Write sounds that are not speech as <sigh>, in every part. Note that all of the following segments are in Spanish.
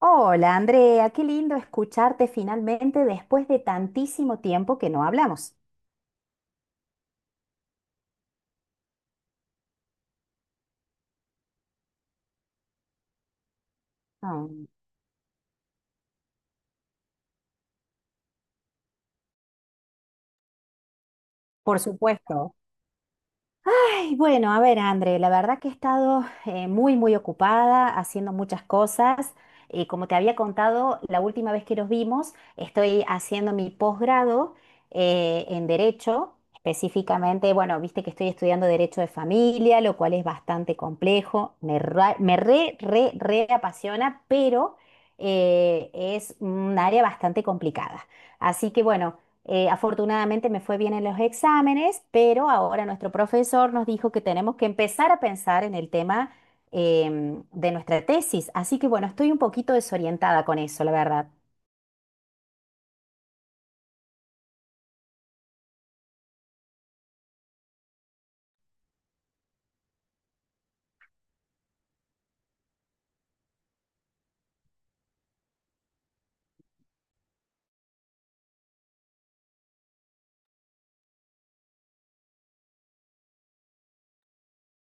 Hola Andrea, qué lindo escucharte finalmente después de tantísimo tiempo que no hablamos. Ah, por supuesto. Ay, bueno, a ver, André, la verdad que he estado muy, muy ocupada haciendo muchas cosas. Como te había contado, la última vez que nos vimos, estoy haciendo mi posgrado en Derecho, específicamente, bueno, viste que estoy estudiando Derecho de Familia, lo cual es bastante complejo, me re apasiona, pero es un área bastante complicada. Así que bueno. Afortunadamente me fue bien en los exámenes, pero ahora nuestro profesor nos dijo que tenemos que empezar a pensar en el tema de nuestra tesis. Así que bueno, estoy un poquito desorientada con eso, la verdad.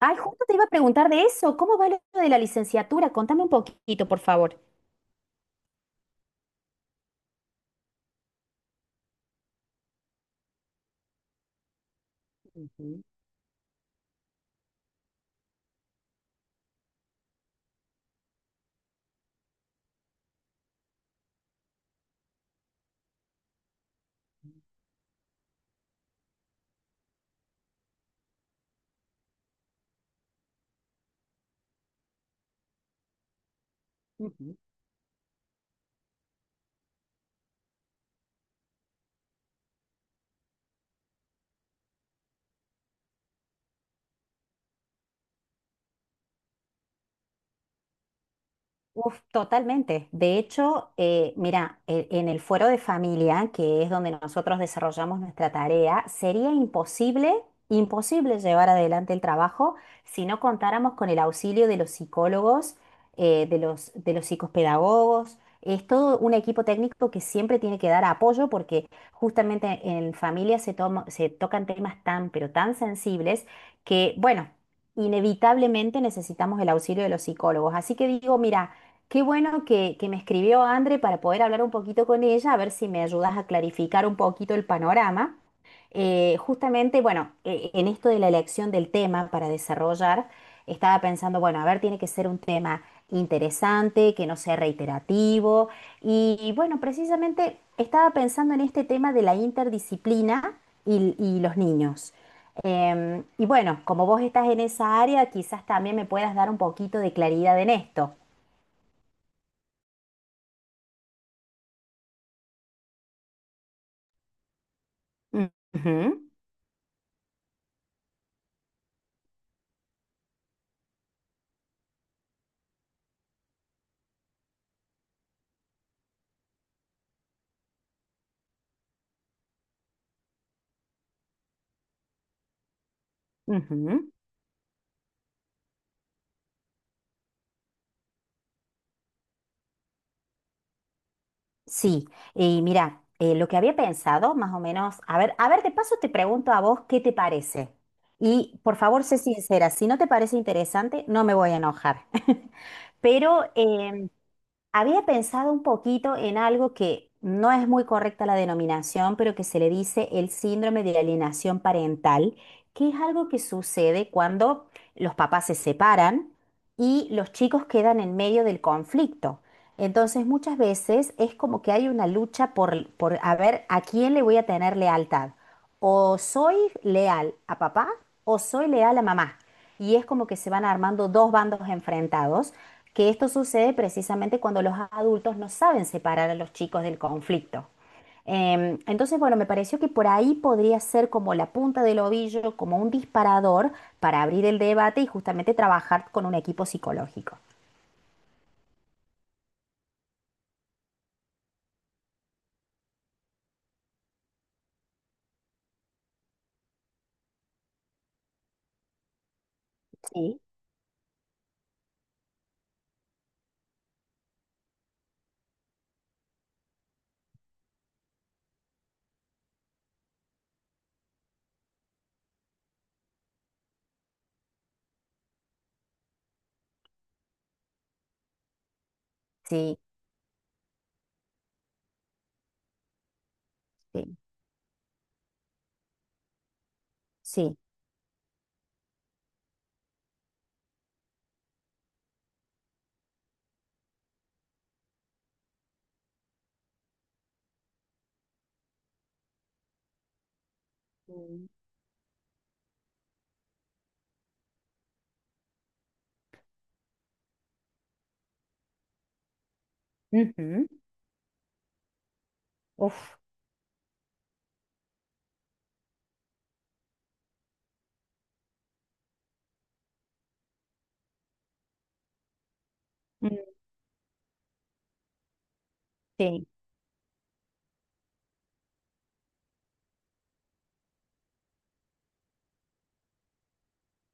Ay, justo te iba a preguntar de eso. ¿Cómo va lo de la licenciatura? Contame un poquito, por favor. Ujú, ujú. Uf, totalmente. De hecho, mira, en el fuero de familia, que es donde nosotros desarrollamos nuestra tarea, sería imposible, imposible llevar adelante el trabajo si no contáramos con el auxilio de los psicólogos, de de los psicopedagogos. Es todo un equipo técnico que siempre tiene que dar apoyo porque justamente en familia se tocan temas tan, pero tan sensibles que, bueno, inevitablemente necesitamos el auxilio de los psicólogos. Así que digo, mira, qué bueno que me escribió Andre para poder hablar un poquito con ella, a ver si me ayudas a clarificar un poquito el panorama. Justamente, bueno, en esto de la elección del tema para desarrollar, estaba pensando, bueno, a ver, tiene que ser un tema interesante, que no sea reiterativo. Y bueno, precisamente estaba pensando en este tema de la interdisciplina y los niños. Y bueno, como vos estás en esa área, quizás también me puedas dar un poquito de claridad en esto. Ujú, ujú. Sí, y mira, lo que había pensado, más o menos, a ver, de paso te pregunto a vos qué te parece. Y por favor, sé sincera, si no te parece interesante, no me voy a enojar. <laughs> Pero había pensado un poquito en algo que no es muy correcta la denominación, pero que se le dice el síndrome de alienación parental, que es algo que sucede cuando los papás se separan y los chicos quedan en medio del conflicto. Entonces muchas veces es como que hay una lucha por a ver a quién le voy a tener lealtad. O soy leal a papá o soy leal a mamá. Y es como que se van armando dos bandos enfrentados, que esto sucede precisamente cuando los adultos no saben separar a los chicos del conflicto. Entonces, bueno, me pareció que por ahí podría ser como la punta del ovillo, como un disparador para abrir el debate y justamente trabajar con un equipo psicológico. Sí. Sí, sí, sí. Mm. Ujú. Uf. Mm. Sí.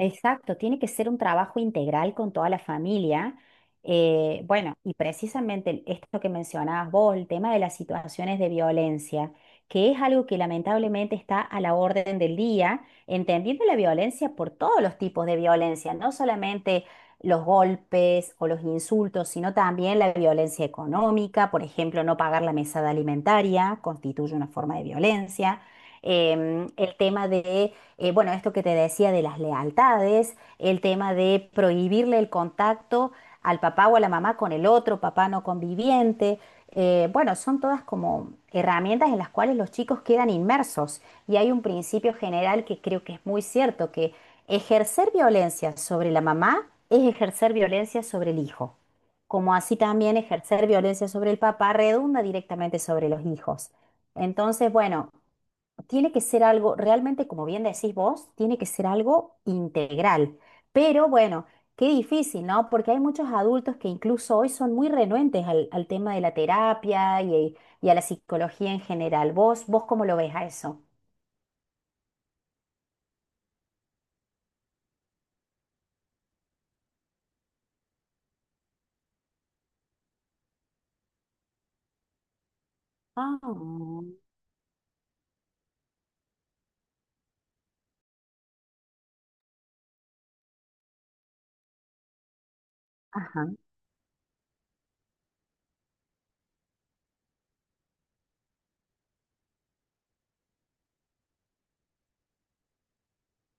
Exacto, tiene que ser un trabajo integral con toda la familia. Bueno, y precisamente esto que mencionabas vos, el tema de las situaciones de violencia, que es algo que lamentablemente está a la orden del día, entendiendo la violencia por todos los tipos de violencia, no solamente los golpes o los insultos, sino también la violencia económica, por ejemplo, no pagar la mesada alimentaria constituye una forma de violencia. El tema de bueno, esto que te decía de las lealtades, el tema de prohibirle el contacto al papá o a la mamá con el otro papá no conviviente. Bueno, son todas como herramientas en las cuales los chicos quedan inmersos y hay un principio general que creo que es muy cierto, que ejercer violencia sobre la mamá es ejercer violencia sobre el hijo, como así también ejercer violencia sobre el papá redunda directamente sobre los hijos. Entonces, bueno, tiene que ser algo, realmente, como bien decís vos, tiene que ser algo integral. Pero bueno, qué difícil, ¿no? Porque hay muchos adultos que incluso hoy son muy renuentes al tema de la terapia y a la psicología en general. Vos cómo lo ves a eso? Ah, ajá,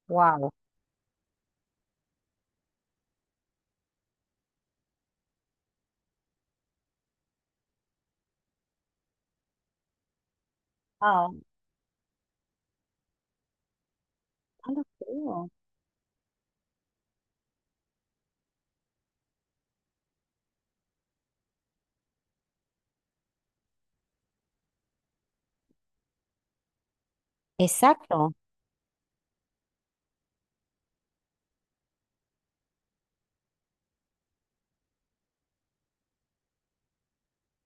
wow. Ah, ah, lo creo. Exacto.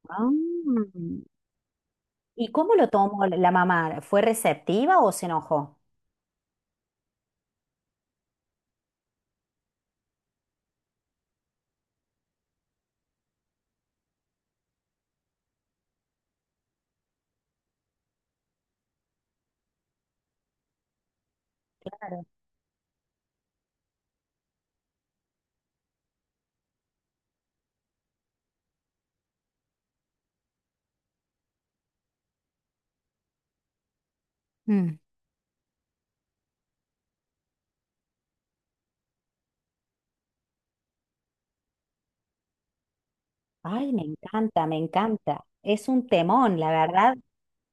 Ah. ¿Y cómo lo tomó la mamá? ¿Fue receptiva o se enojó? Claro. Ay, me encanta, me encanta. Es un temón, la verdad.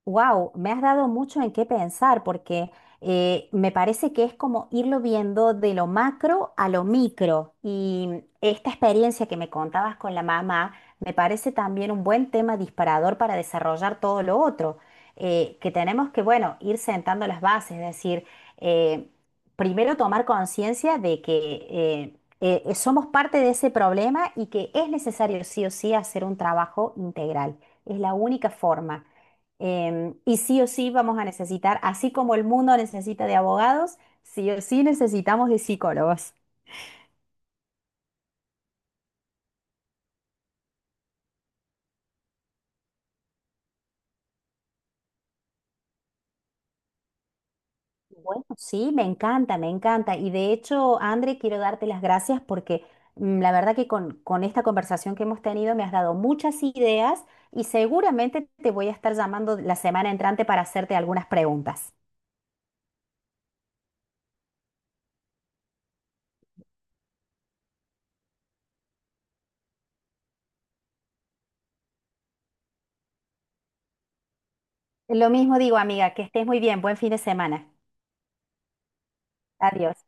Wow, me has dado mucho en qué pensar porque me parece que es como irlo viendo de lo macro a lo micro. Y esta experiencia que me contabas con la mamá me parece también un buen tema disparador para desarrollar todo lo otro. Que tenemos que, bueno, ir sentando las bases, es decir, eh, primero tomar conciencia de que somos parte de ese problema y que es necesario sí o sí hacer un trabajo integral. Es la única forma. Y sí o sí vamos a necesitar, así como el mundo necesita de abogados, sí o sí necesitamos de psicólogos. Bueno, sí, me encanta, me encanta. Y de hecho, André, quiero darte las gracias porque la verdad que con esta conversación que hemos tenido me has dado muchas ideas y seguramente te voy a estar llamando la semana entrante para hacerte algunas preguntas. Lo mismo digo, amiga, que estés muy bien. Buen fin de semana. Adiós.